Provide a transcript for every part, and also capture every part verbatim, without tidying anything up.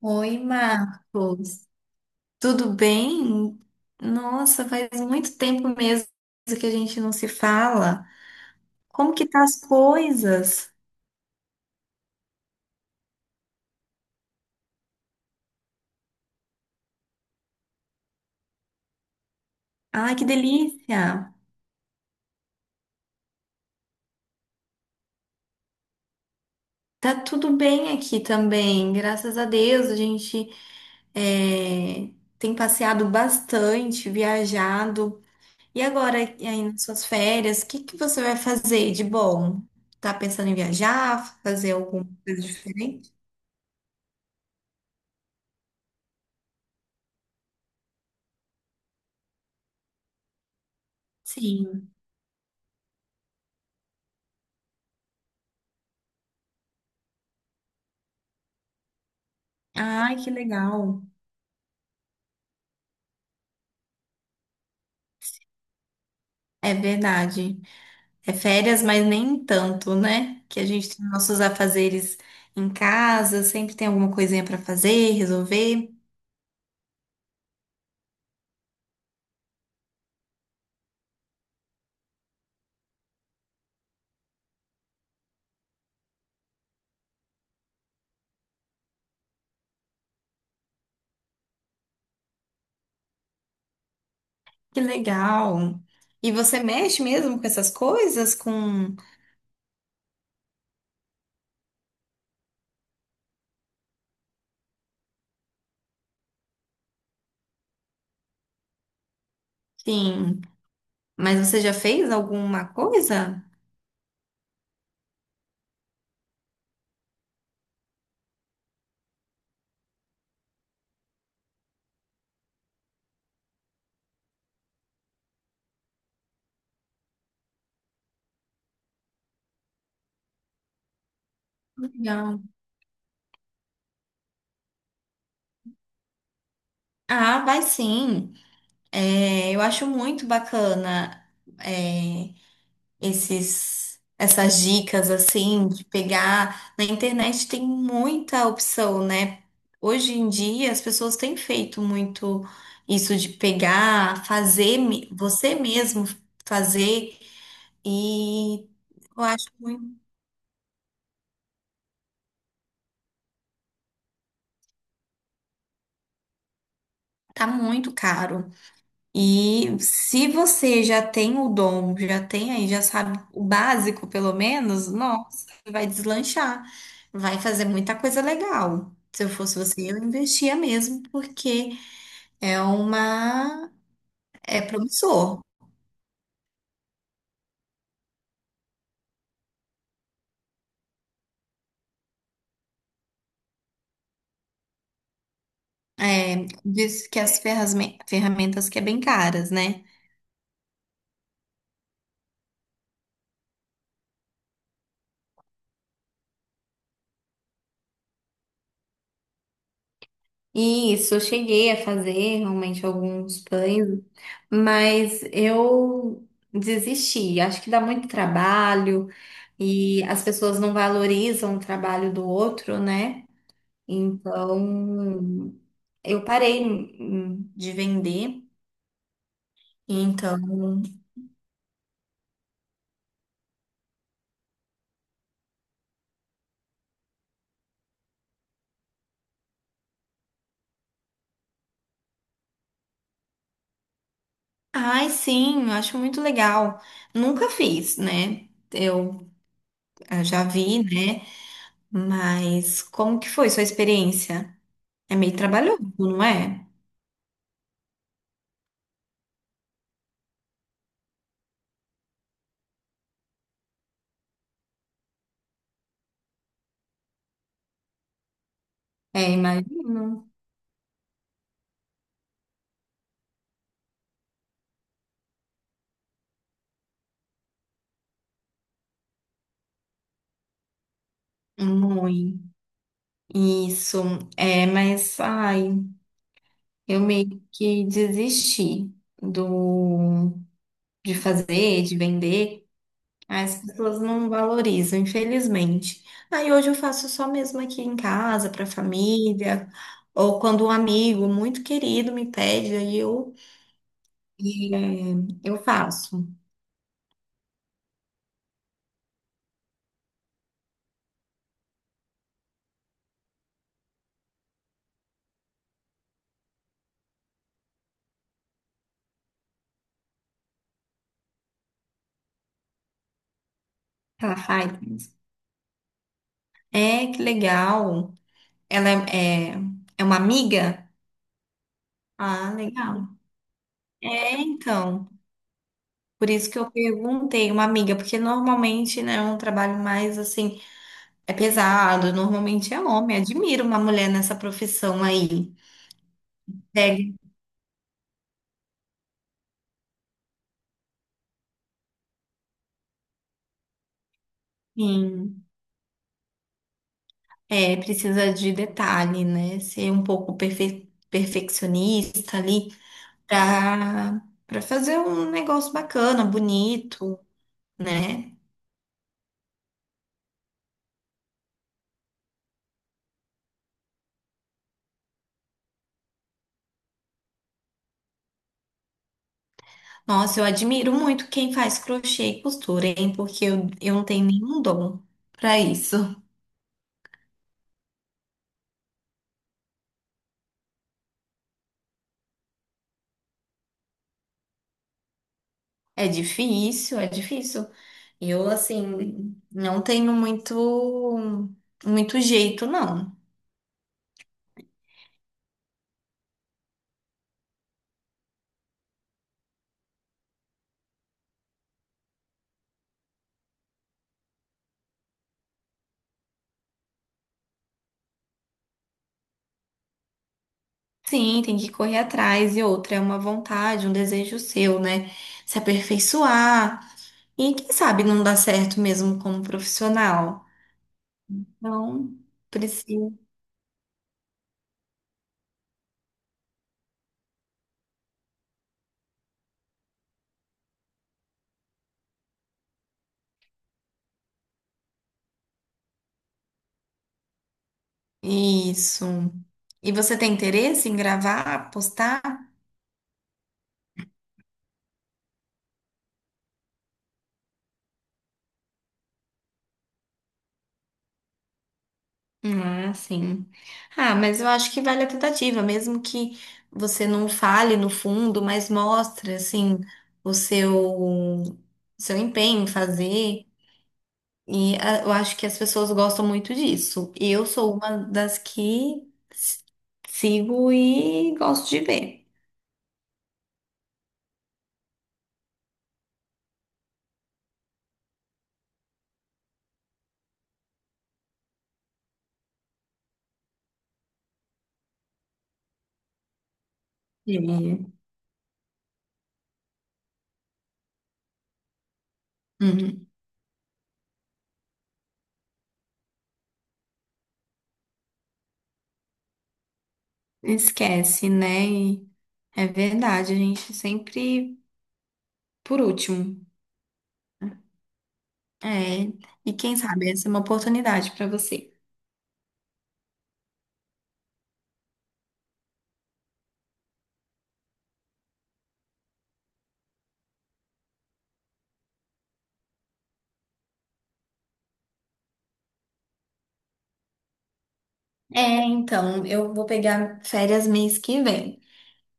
Oi, Marcos. Tudo bem? Nossa, faz muito tempo mesmo que a gente não se fala. Como que tá as coisas? Ai, que delícia! Tá tudo bem aqui também, graças a Deus. A gente é, tem passeado bastante, viajado. E agora, e aí nas suas férias, o que que você vai fazer de bom? Tá pensando em viajar, fazer alguma coisa diferente? Sim. Ai, que legal. É verdade. É férias, mas nem tanto, né? Que a gente tem nossos afazeres em casa, sempre tem alguma coisinha para fazer, resolver. Que legal. E você mexe mesmo com essas coisas, com, sim. Mas você já fez alguma coisa? Legal. Ah, vai sim. É, eu acho muito bacana. é, esses essas dicas assim de pegar na internet tem muita opção, né? Hoje em dia as pessoas têm feito muito isso de pegar, fazer me- você mesmo fazer e eu acho muito, tá muito caro. E se você já tem o dom, já tem aí, já sabe o básico, pelo menos, nossa, vai deslanchar, vai fazer muita coisa legal. Se eu fosse você, eu investia mesmo, porque é uma, é promissor. É, diz que as ferrasme- ferramentas que é bem caras, né? Isso, eu cheguei a fazer realmente alguns pães, mas eu desisti. Acho que dá muito trabalho e as pessoas não valorizam o trabalho do outro, né? Então, eu parei hum, de vender. Então, ai, sim, eu acho muito legal. Nunca fiz, né? Eu eh, já vi, né? Mas como que foi sua experiência? É meio trabalhoso, não é? É, imagino. Muito. Isso. É, mas, ai, eu meio que desisti do, de fazer, de vender. As pessoas não valorizam, infelizmente. Aí hoje eu faço só mesmo aqui em casa, para a família, ou quando um amigo muito querido me pede, aí eu, e, é, eu faço. Ela faz. É, que legal. Ela é, é, é uma amiga? Ah, legal. É, então. Por isso que eu perguntei uma amiga, porque normalmente, né, é um trabalho mais assim, é pesado, normalmente é homem. Admiro uma mulher nessa profissão aí. Pega, sim, é, precisa de detalhe, né? Ser um pouco perfe- perfeccionista ali pra, pra fazer um negócio bacana, bonito, né? Nossa, eu admiro muito quem faz crochê e costura, hein? Porque eu, eu não tenho nenhum dom pra isso. É difícil, é difícil. Eu, assim, não tenho muito, muito jeito, não. Sim, tem que correr atrás e outra é uma vontade, um desejo seu, né? Se aperfeiçoar e quem sabe não dá certo mesmo como profissional. Então, precisa. Isso. E você tem interesse em gravar, postar? Ah, sim. Ah, mas eu acho que vale a tentativa, mesmo que você não fale no fundo, mas mostre, assim, o seu, seu empenho em fazer. E ah, eu acho que as pessoas gostam muito disso. Eu sou uma das que s- sigo e gosto de ver. Sim. Uhum. Esquece, né? E é verdade, a gente sempre por último. É, e quem sabe essa é uma oportunidade para você. É, então, eu vou pegar férias mês que vem.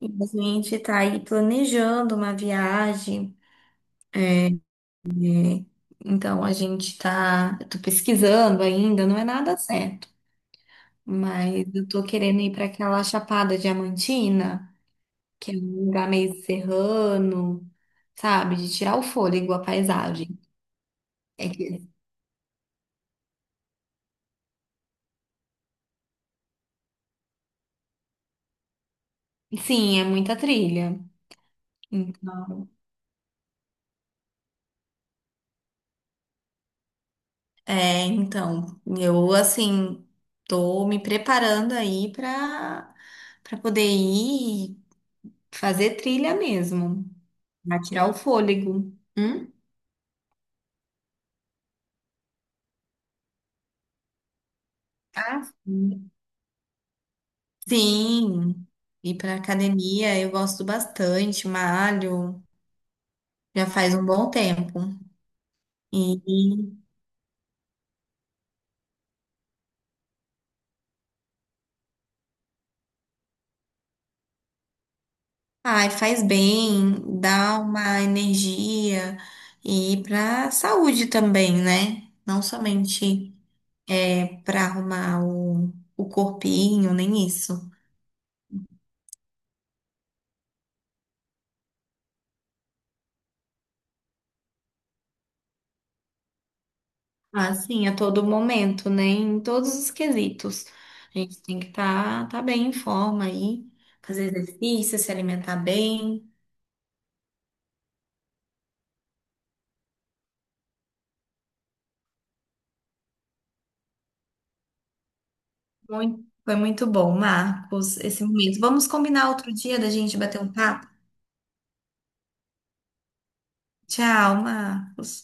E a gente tá aí planejando uma viagem. Então, a gente tá. Eu tô pesquisando ainda, não é nada certo. Mas eu tô querendo ir para aquela Chapada Diamantina, que é um lugar meio serrano, sabe? De tirar o fôlego, a paisagem. É que, sim, é muita trilha. Então, é, então, eu assim tô me preparando aí para para poder ir fazer trilha mesmo, pra tirar o fôlego. Hum? Ah, sim. Sim, ir para academia eu gosto bastante, malho, já faz um bom tempo. E ai, faz bem, dá uma energia e para saúde também, né? Não somente é, para arrumar o, o corpinho, nem isso. Assim, a todo momento, né? Em todos os quesitos. A gente tem que estar tá, tá bem em forma aí, fazer exercício, se alimentar bem. Muito, foi muito bom, Marcos, esse momento. Vamos combinar outro dia da gente bater um papo? Tchau, Marcos.